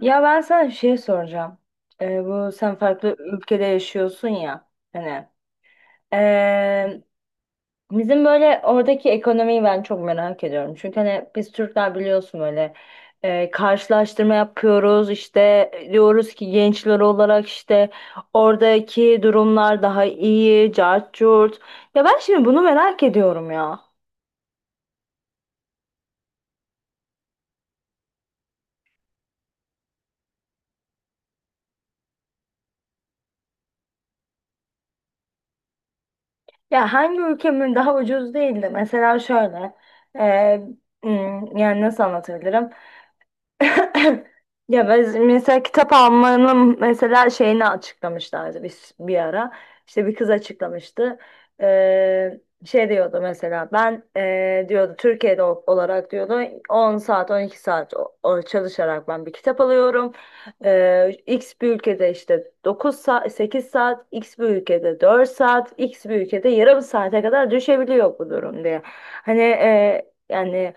Ya ben sana bir şey soracağım. Bu sen farklı ülkede yaşıyorsun ya hani. Ee, bizim böyle oradaki ekonomiyi ben çok merak ediyorum. Çünkü hani biz Türkler biliyorsun böyle karşılaştırma yapıyoruz işte, diyoruz ki gençler olarak işte oradaki durumlar daha iyi, cart curt. Ya ben şimdi bunu merak ediyorum ya. Ya hangi ülkemin daha ucuz değildi? Mesela şöyle, e, yani nasıl anlatabilirim? Ya biz mesela kitap almanın mesela şeyini açıklamışlardı biz bir ara. İşte bir kız açıklamıştı. Şey diyordu mesela ben diyordu Türkiye'de olarak diyordu 10 saat 12 saat o çalışarak ben bir kitap alıyorum. X bir ülkede işte 9 saat 8 saat X bir ülkede 4 saat X bir ülkede yarım saate kadar düşebiliyor bu durum diye. Hani yani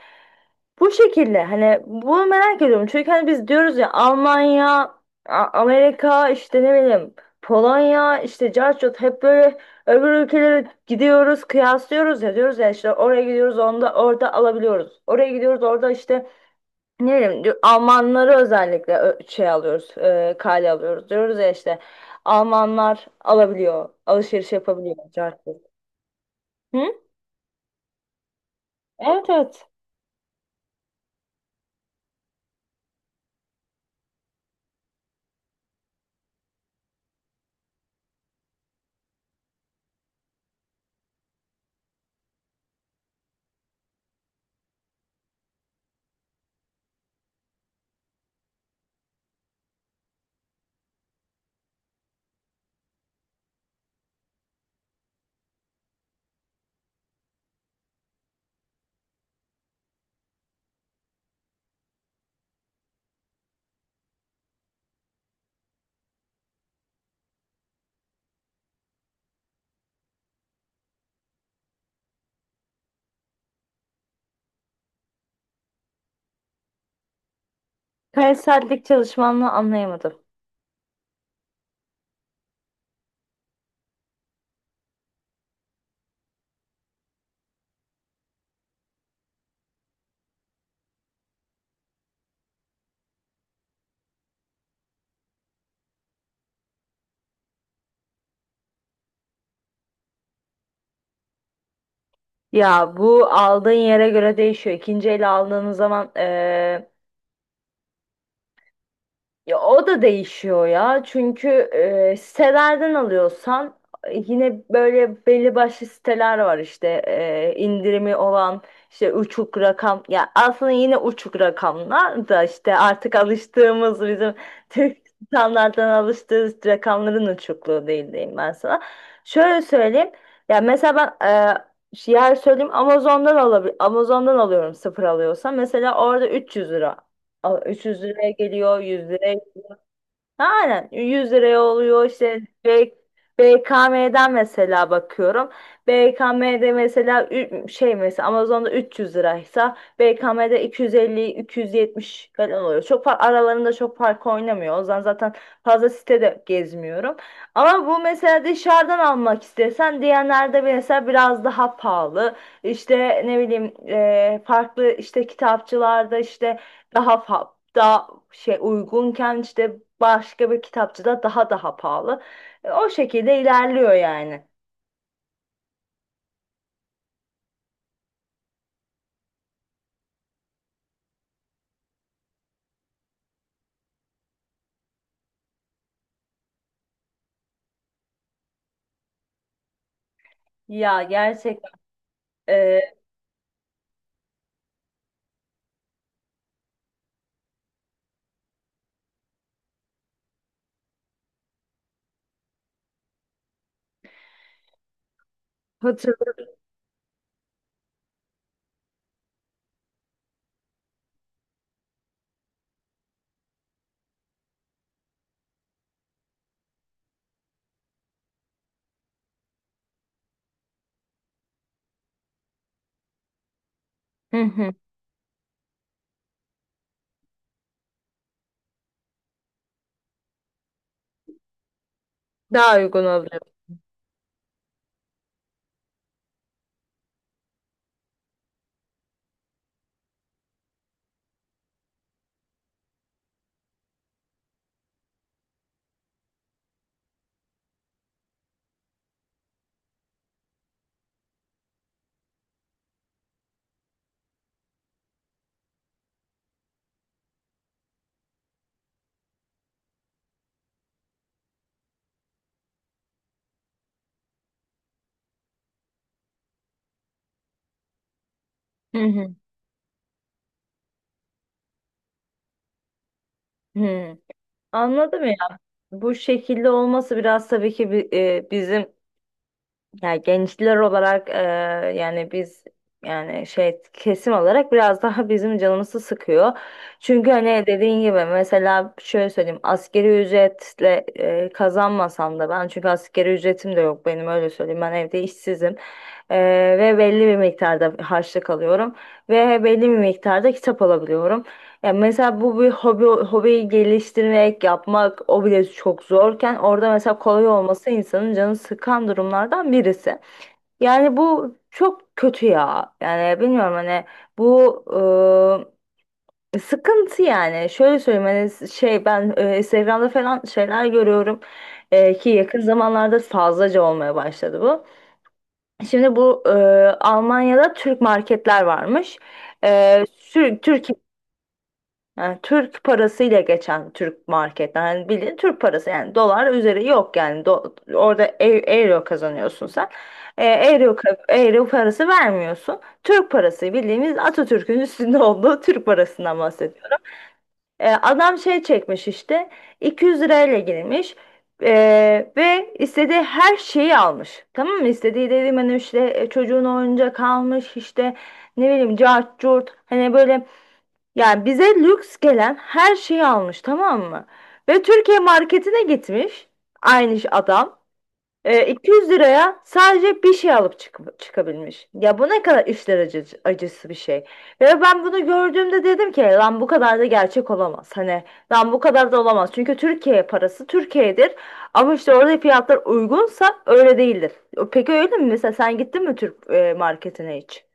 bu şekilde hani bunu merak ediyorum. Çünkü hani biz diyoruz ya Almanya, Amerika işte ne bileyim Polonya işte Carchot, hep böyle öbür ülkelere gidiyoruz, kıyaslıyoruz ya, diyoruz ya işte oraya gidiyoruz onda orada alabiliyoruz. Oraya gidiyoruz orada işte ne bileyim Almanları özellikle şey alıyoruz, kale alıyoruz diyoruz ya işte Almanlar alabiliyor, alışveriş yapabiliyor Carchot. Hı? Evet, evet. Kare saatlik çalışmanı anlayamadım. Ya bu aldığın yere göre değişiyor. İkinci el aldığınız zaman ya o da değişiyor ya. Çünkü sitelerden alıyorsan, yine böyle belli başlı siteler var işte, indirimi olan işte uçuk rakam ya, aslında yine uçuk rakamlar da işte artık alıştığımız bizim Türk standarttan alıştığımız rakamların uçukluğu değil diyeyim ben sana. Şöyle söyleyeyim. Ya mesela ben şu yer söyleyeyim, Amazon'dan alabilir, Amazon'dan alıyorum sıfır alıyorsam mesela orada 300 lira. 300 liraya geliyor, 100 liraya, aynen 100 liraya oluyor işte, BKM'den mesela bakıyorum. BKM'de mesela şey, mesela Amazon'da 300 liraysa BKM'de 250-270 falan oluyor. Çok fark, aralarında çok fark oynamıyor. O zaman zaten fazla sitede gezmiyorum. Ama bu mesela dışarıdan almak istesen diyenlerde mesela biraz daha pahalı. İşte ne bileyim, farklı işte kitapçılarda işte daha daha şey uygunken, işte başka bir kitapçıda daha pahalı. O şekilde ilerliyor yani. Ya gerçekten. e, hatır- Hı hı. Daha uygun oluyor. Hı hı. Hı. Anladım ya. Bu şekilde olması biraz tabii ki bizim, ya gençler olarak, yani biz, yani şey kesim olarak biraz daha bizim canımızı sıkıyor. Çünkü hani dediğin gibi mesela şöyle söyleyeyim, askeri ücretle kazanmasam da ben, çünkü askeri ücretim de yok benim, öyle söyleyeyim, ben evde işsizim. E, ve belli bir miktarda harçlık alıyorum ve belli bir miktarda kitap alabiliyorum. Ya mesela bu bir hobiyi geliştirmek, yapmak o bile çok zorken, orada mesela kolay olması insanın canını sıkan durumlardan birisi. Yani bu çok kötü ya. Yani bilmiyorum hani, bu sıkıntı yani. Şöyle söyleyeyim, hani şey ben Instagram'da falan şeyler görüyorum, ki yakın zamanlarda fazlaca olmaya başladı bu. Şimdi bu Almanya'da Türk marketler varmış. Türkiye'de, yani Türk parasıyla geçen Türk marketten. Hani bildiğin Türk parası yani, dolar üzeri yok yani. Orada euro kazanıyorsun sen. Euro parası vermiyorsun. Türk parası, bildiğimiz Atatürk'ün üstünde olduğu Türk parasından bahsediyorum. Adam şey çekmiş işte, 200 lirayla girmiş. Ve istediği her şeyi almış. Tamam mı? İstediği dediğim hani işte, çocuğun oyuncak almış işte ne bileyim cart curt, hani böyle yani bize lüks gelen her şeyi almış, tamam mı? Ve Türkiye marketine gitmiş aynı iş adam. 200 liraya sadece bir şey alıp çıkabilmiş. Ya bu ne kadar işler, acı acısı bir şey. Ve ben bunu gördüğümde dedim ki, lan bu kadar da gerçek olamaz. Hani lan bu kadar da olamaz. Çünkü Türkiye parası Türkiye'dir. Ama işte orada fiyatlar uygunsa öyle değildir. Peki öyle mi? Mesela sen gittin mi Türk marketine hiç?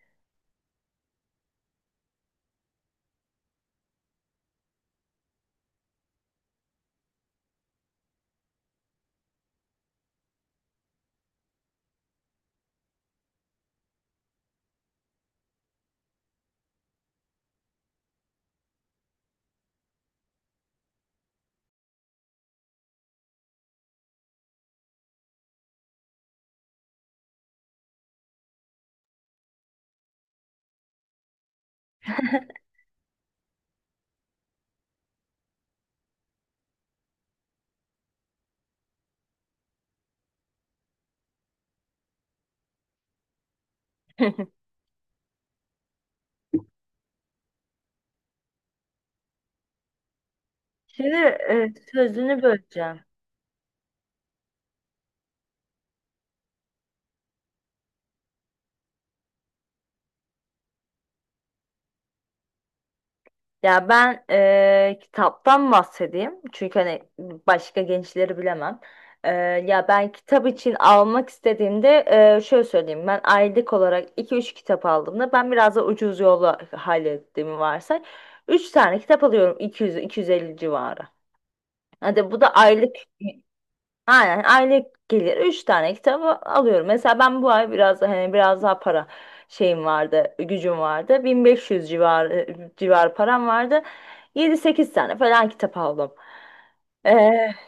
Şimdi sözünü böleceğim. Ya ben kitaptan bahsedeyim. Çünkü hani başka gençleri bilemem. Eee, ya ben kitap için almak istediğimde, şöyle söyleyeyim. Ben aylık olarak iki üç kitap aldığımda, ben biraz da ucuz yolla hallettiğimi varsay. Üç tane kitap alıyorum, 200-250 civarı. Hadi bu da aylık. Aynen, aylık gelir. Üç tane kitabı alıyorum. Mesela ben bu ay biraz hani biraz daha para şeyim vardı, gücüm vardı. 1500 civar param vardı. Yedi sekiz tane falan kitap aldım. Ee,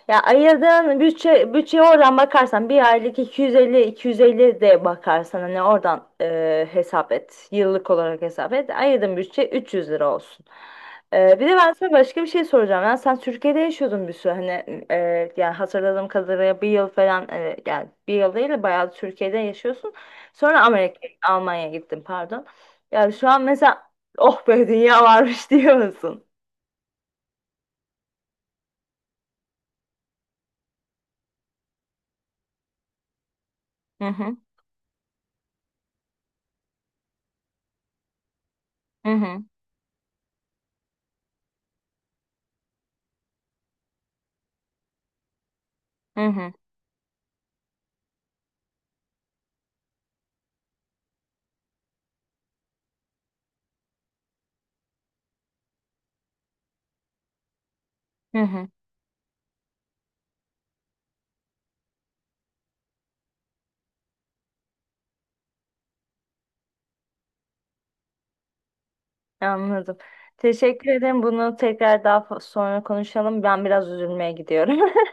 ya ayırdığın bütçeye oradan bakarsan bir aylık, iki yüz elli de bakarsan hani oradan hesap et. Yıllık olarak hesap et. Ayırdığın bütçe 300 lira olsun. Bir de ben sana başka bir şey soracağım. Yani sen Türkiye'de yaşıyordun bir süre. Hani yani hatırladığım kadarıyla bir yıl falan, yani bir yıl değil de bayağı Türkiye'de yaşıyorsun. Sonra Amerika, Almanya'ya gittin pardon. Yani şu an mesela, oh be dünya varmış diyor musun? Hı hı, hı hı, hı hı, hı hı. Anladım. Teşekkür ederim. Bunu tekrar daha sonra konuşalım. Ben biraz üzülmeye gidiyorum.